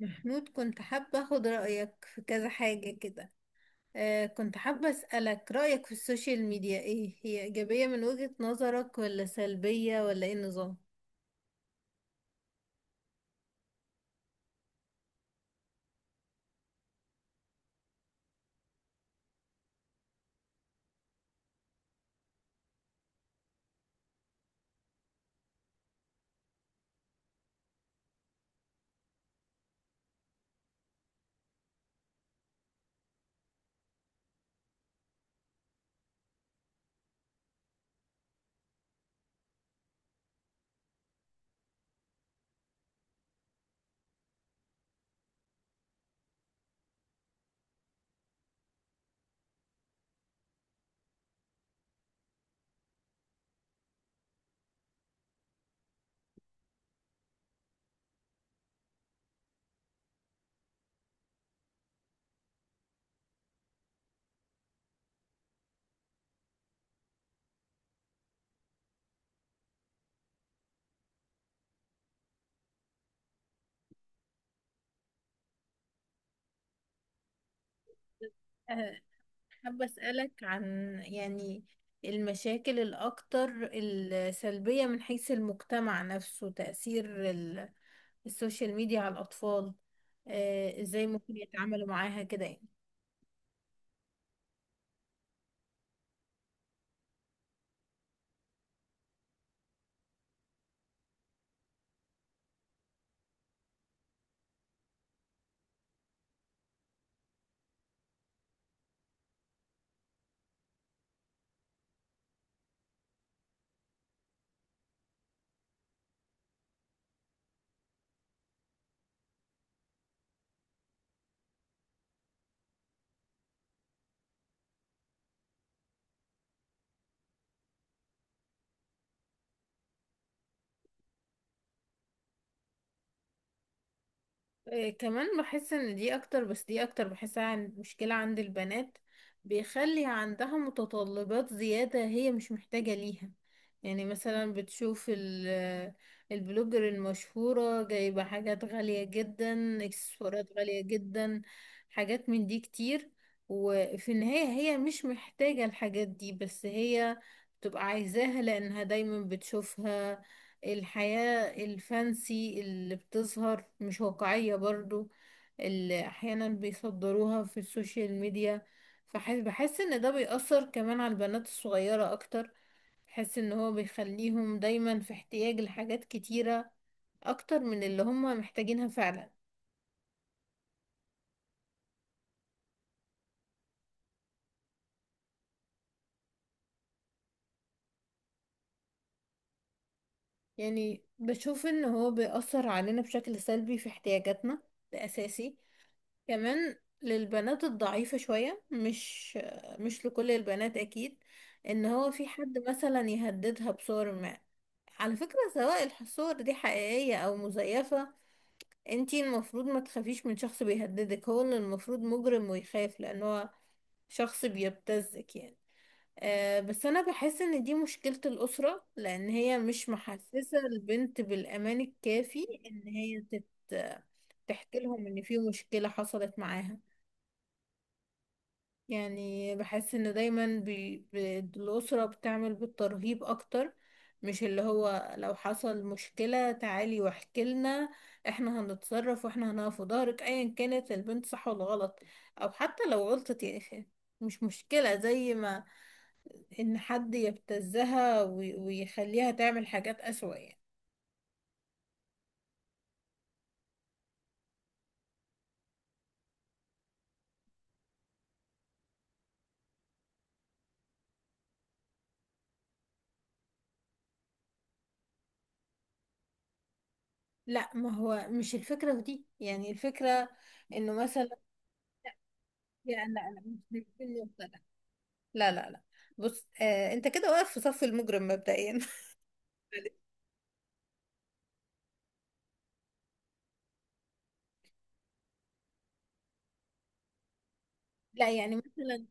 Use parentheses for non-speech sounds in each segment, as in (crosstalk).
محمود، كنت حابة أخد رأيك في كذا حاجة كده. كنت حابة أسألك رأيك في السوشيال ميديا، إيه هي؟ إيجابية من وجهة نظرك ولا سلبية ولا إيه النظام؟ آه حابة أسألك عن، يعني، المشاكل الأكتر السلبية من حيث المجتمع نفسه، تأثير السوشيال ميديا على الأطفال. آه، إزاي ممكن يتعاملوا معاها كده؟ آه، كمان بحس ان دي اكتر، بحسها عن مشكلة عند البنات. بيخلي عندها متطلبات زيادة هي مش محتاجة ليها. يعني مثلا بتشوف البلوجر المشهورة جايبة حاجات غالية جدا، اكسسوارات غالية جدا، حاجات من دي كتير. وفي النهاية هي مش محتاجة الحاجات دي، بس هي بتبقى عايزاها لأنها دايما بتشوفها. الحياة الفانسي اللي بتظهر مش واقعية برضو، اللي احيانا بيصدروها في السوشيال ميديا. بحس ان ده بيأثر كمان على البنات الصغيرة اكتر. بحس ان هو بيخليهم دايما في احتياج لحاجات كتيرة، اكتر من اللي هم محتاجينها فعلا. يعني بشوف ان هو بيأثر علينا بشكل سلبي في احتياجاتنا، ده اساسي. كمان للبنات الضعيفة شوية، مش لكل البنات أكيد، إن هو في حد مثلا يهددها بصور ما. على فكرة سواء الصور دي حقيقية أو مزيفة، انتي المفروض ما تخافيش من شخص بيهددك. هو اللي المفروض مجرم ويخاف، لأن هو شخص بيبتزك يعني. أه، بس أنا بحس إن دي مشكلة الأسرة، لأن هي مش محسسة البنت بالأمان الكافي إن هي تحكي لهم إن في مشكلة حصلت معاها. يعني بحس ان دايما الأسرة بتعمل بالترهيب اكتر، مش اللي هو لو حصل مشكلة تعالي واحكي لنا، احنا هنتصرف واحنا هنقف في ظهرك ايا كانت البنت صح ولا غلط. او حتى لو غلطت يعني، مش مشكلة، زي ما ان حد يبتزها ويخليها تعمل حاجات اسوأ يعني. لا، ما هو مش الفكرة في دي، يعني الفكرة انه مثلا، يعني لا لا، مش في النقطة. لا لا لا، بص آه، انت كده واقف في صف المجرم مبدئيا. (laughs) لا يعني مثلا.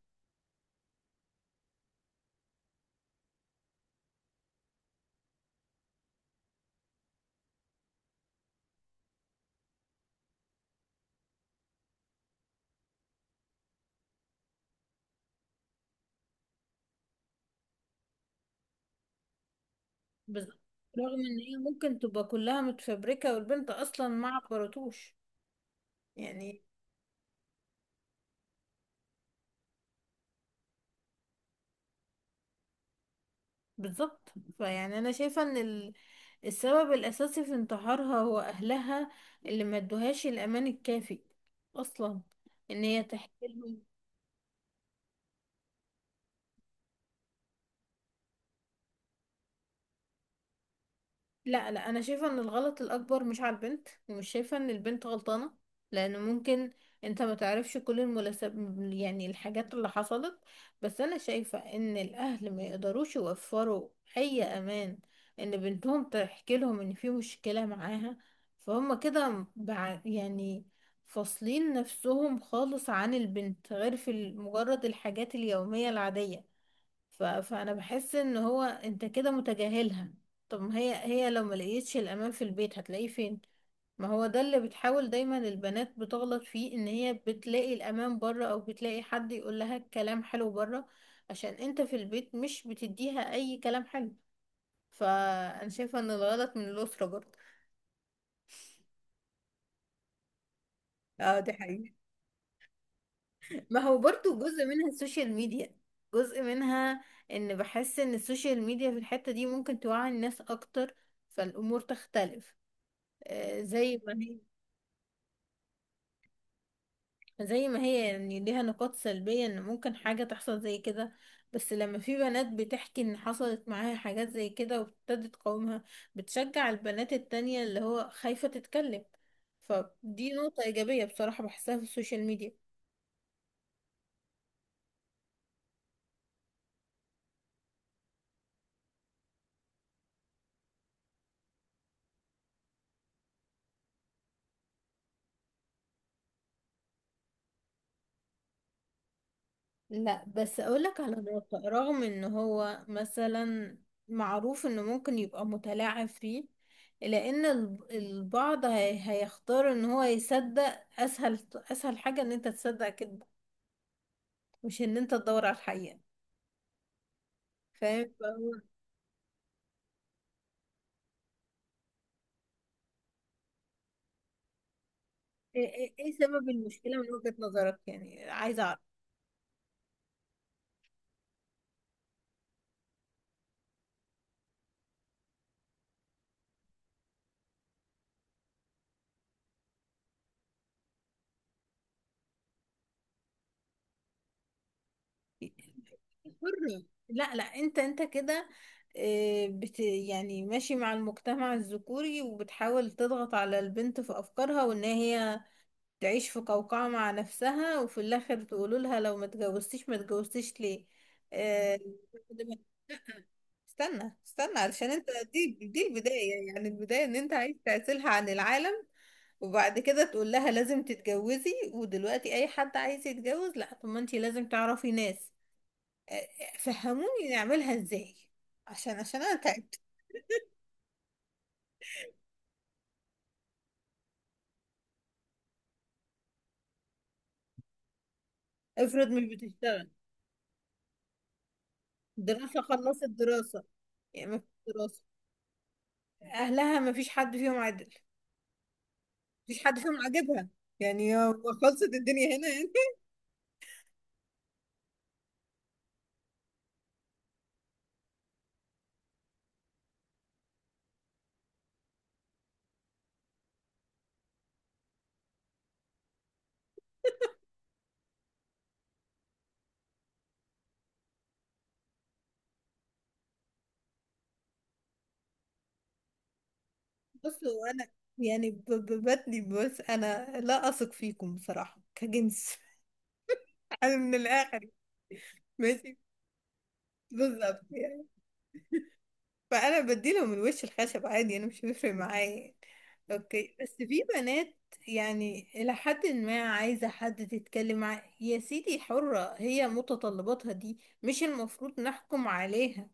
بالظبط، رغم ان هي ممكن تبقى كلها متفبركة والبنت اصلا ما عبرتوش يعني. بالظبط. فيعني انا شايفة ان السبب الاساسي في انتحارها هو اهلها، اللي ما ادوهاش الامان الكافي اصلا ان هي تحكي لهم. لا لا، انا شايفه ان الغلط الاكبر مش على البنت، ومش شايفه ان البنت غلطانه، لان ممكن انت ما تعرفش كل المناسب، يعني الحاجات اللي حصلت. بس انا شايفه ان الاهل ما يقدروش يوفروا اي امان ان بنتهم تحكي لهم ان في مشكله معاها. فهم كده يعني فاصلين نفسهم خالص عن البنت، غير في مجرد الحاجات اليوميه العاديه. فانا بحس ان هو انت كده متجاهلها. طب ما هي، هي لو ما لقيتش الامان في البيت هتلاقيه فين؟ ما هو ده اللي بتحاول، دايما البنات بتغلط فيه، ان هي بتلاقي الامان بره، او بتلاقي حد يقول لها كلام حلو بره، عشان انت في البيت مش بتديها اي كلام حلو. فانا شايفه ان الغلط من الاسره برضه. اه دي حقيقة. ما هو برضه جزء منها السوشيال ميديا، جزء منها. ان بحس ان السوشيال ميديا في الحته دي ممكن توعي الناس اكتر، فالامور تختلف. آه، زي ما هي، زي ما هي يعني، ليها نقاط سلبية ان ممكن حاجة تحصل زي كده، بس لما في بنات بتحكي ان حصلت معاها حاجات زي كده وابتدت تقاومها، بتشجع البنات التانية اللي هو خايفة تتكلم. فدي نقطة إيجابية بصراحة بحسها في السوشيال ميديا. لا بس اقولك على الواقع، رغم ان هو مثلا معروف انه ممكن يبقى متلاعب فيه، الا ان البعض هيختار ان هو يصدق. اسهل اسهل حاجة ان انت تصدق كده، مش ان انت تدور على الحقيقة. فاهم؟ فهو ايه، إيه سبب المشكلة من وجهة نظرك يعني؟ عايزة اعرف. حر. لا لا، انت انت كده، إيه، بت يعني ماشي مع المجتمع الذكوري، وبتحاول تضغط على البنت في افكارها، وان هي تعيش في قوقعة مع نفسها، وفي الآخر تقولوا لها لو ما اتجوزتيش ما اتجوزتيش ليه. آه، استنى استنى علشان انت، دي دي البداية، يعني البداية ان انت عايز تعزلها عن العالم، وبعد كده تقول لها لازم تتجوزي. ودلوقتي اي حد عايز يتجوز لا، طب ما انت لازم تعرفي ناس. آه، آه، فهموني نعملها ازاي، عشان عشان انا تعبت. افرض مش بتشتغل. دراسة خلصت دراسة، يعني ما فيش دراسة. اهلها ما فيش حد فيهم عدل. مفيش حد فيهم عاجبها، يعني هو خلصت الدنيا هنا يعني؟ (laughs) بصوا انا، يعني ببتني، بس انا لا اثق فيكم بصراحه كجنس. (laughs) انا من الاخر ماشي. بالظبط يعني. فانا بديله من وش الخشب عادي، انا مش بيفرق معايا يعني. اوكي، بس في بنات، يعني الى حد ما عايزه حد تتكلم معاه، يا سيدي حره، هي متطلباتها دي مش المفروض نحكم عليها.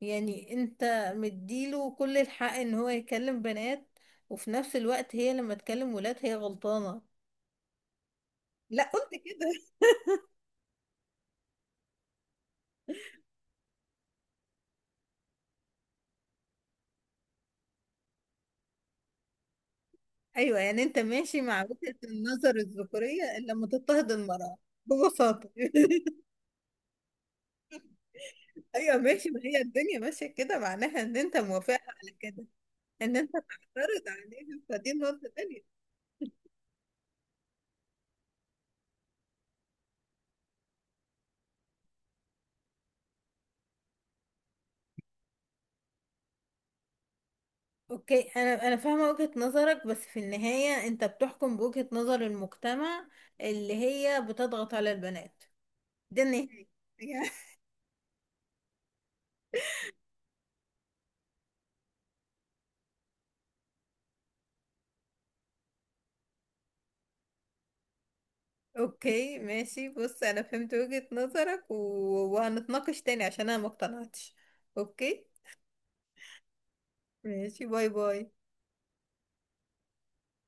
يعني انت مديله كل الحق ان هو يكلم بنات، وفي نفس الوقت هي لما تكلم ولاد هي غلطانة. لا قلت كده. (laughs) ايوه يعني انت ماشي مع وجهة النظر الذكورية، الا لما تضطهد المرأة ببساطة. (laughs) ايوه ماشي، ما هي الدنيا ماشيه كده معناها ان انت موافقها على كده، ان انت تعترض عليها فدي نقطه تانيه. اوكي، انا فاهمة وجهة نظرك، بس في النهاية انت بتحكم بوجهة نظر المجتمع اللي هي بتضغط على البنات، ده النهاية. (laughs) اوكي ماشي. بص انا فهمت وجهة نظرك، وهنتناقش تاني عشان انا ما اقتنعتش. اوكي ماشي، باي باي.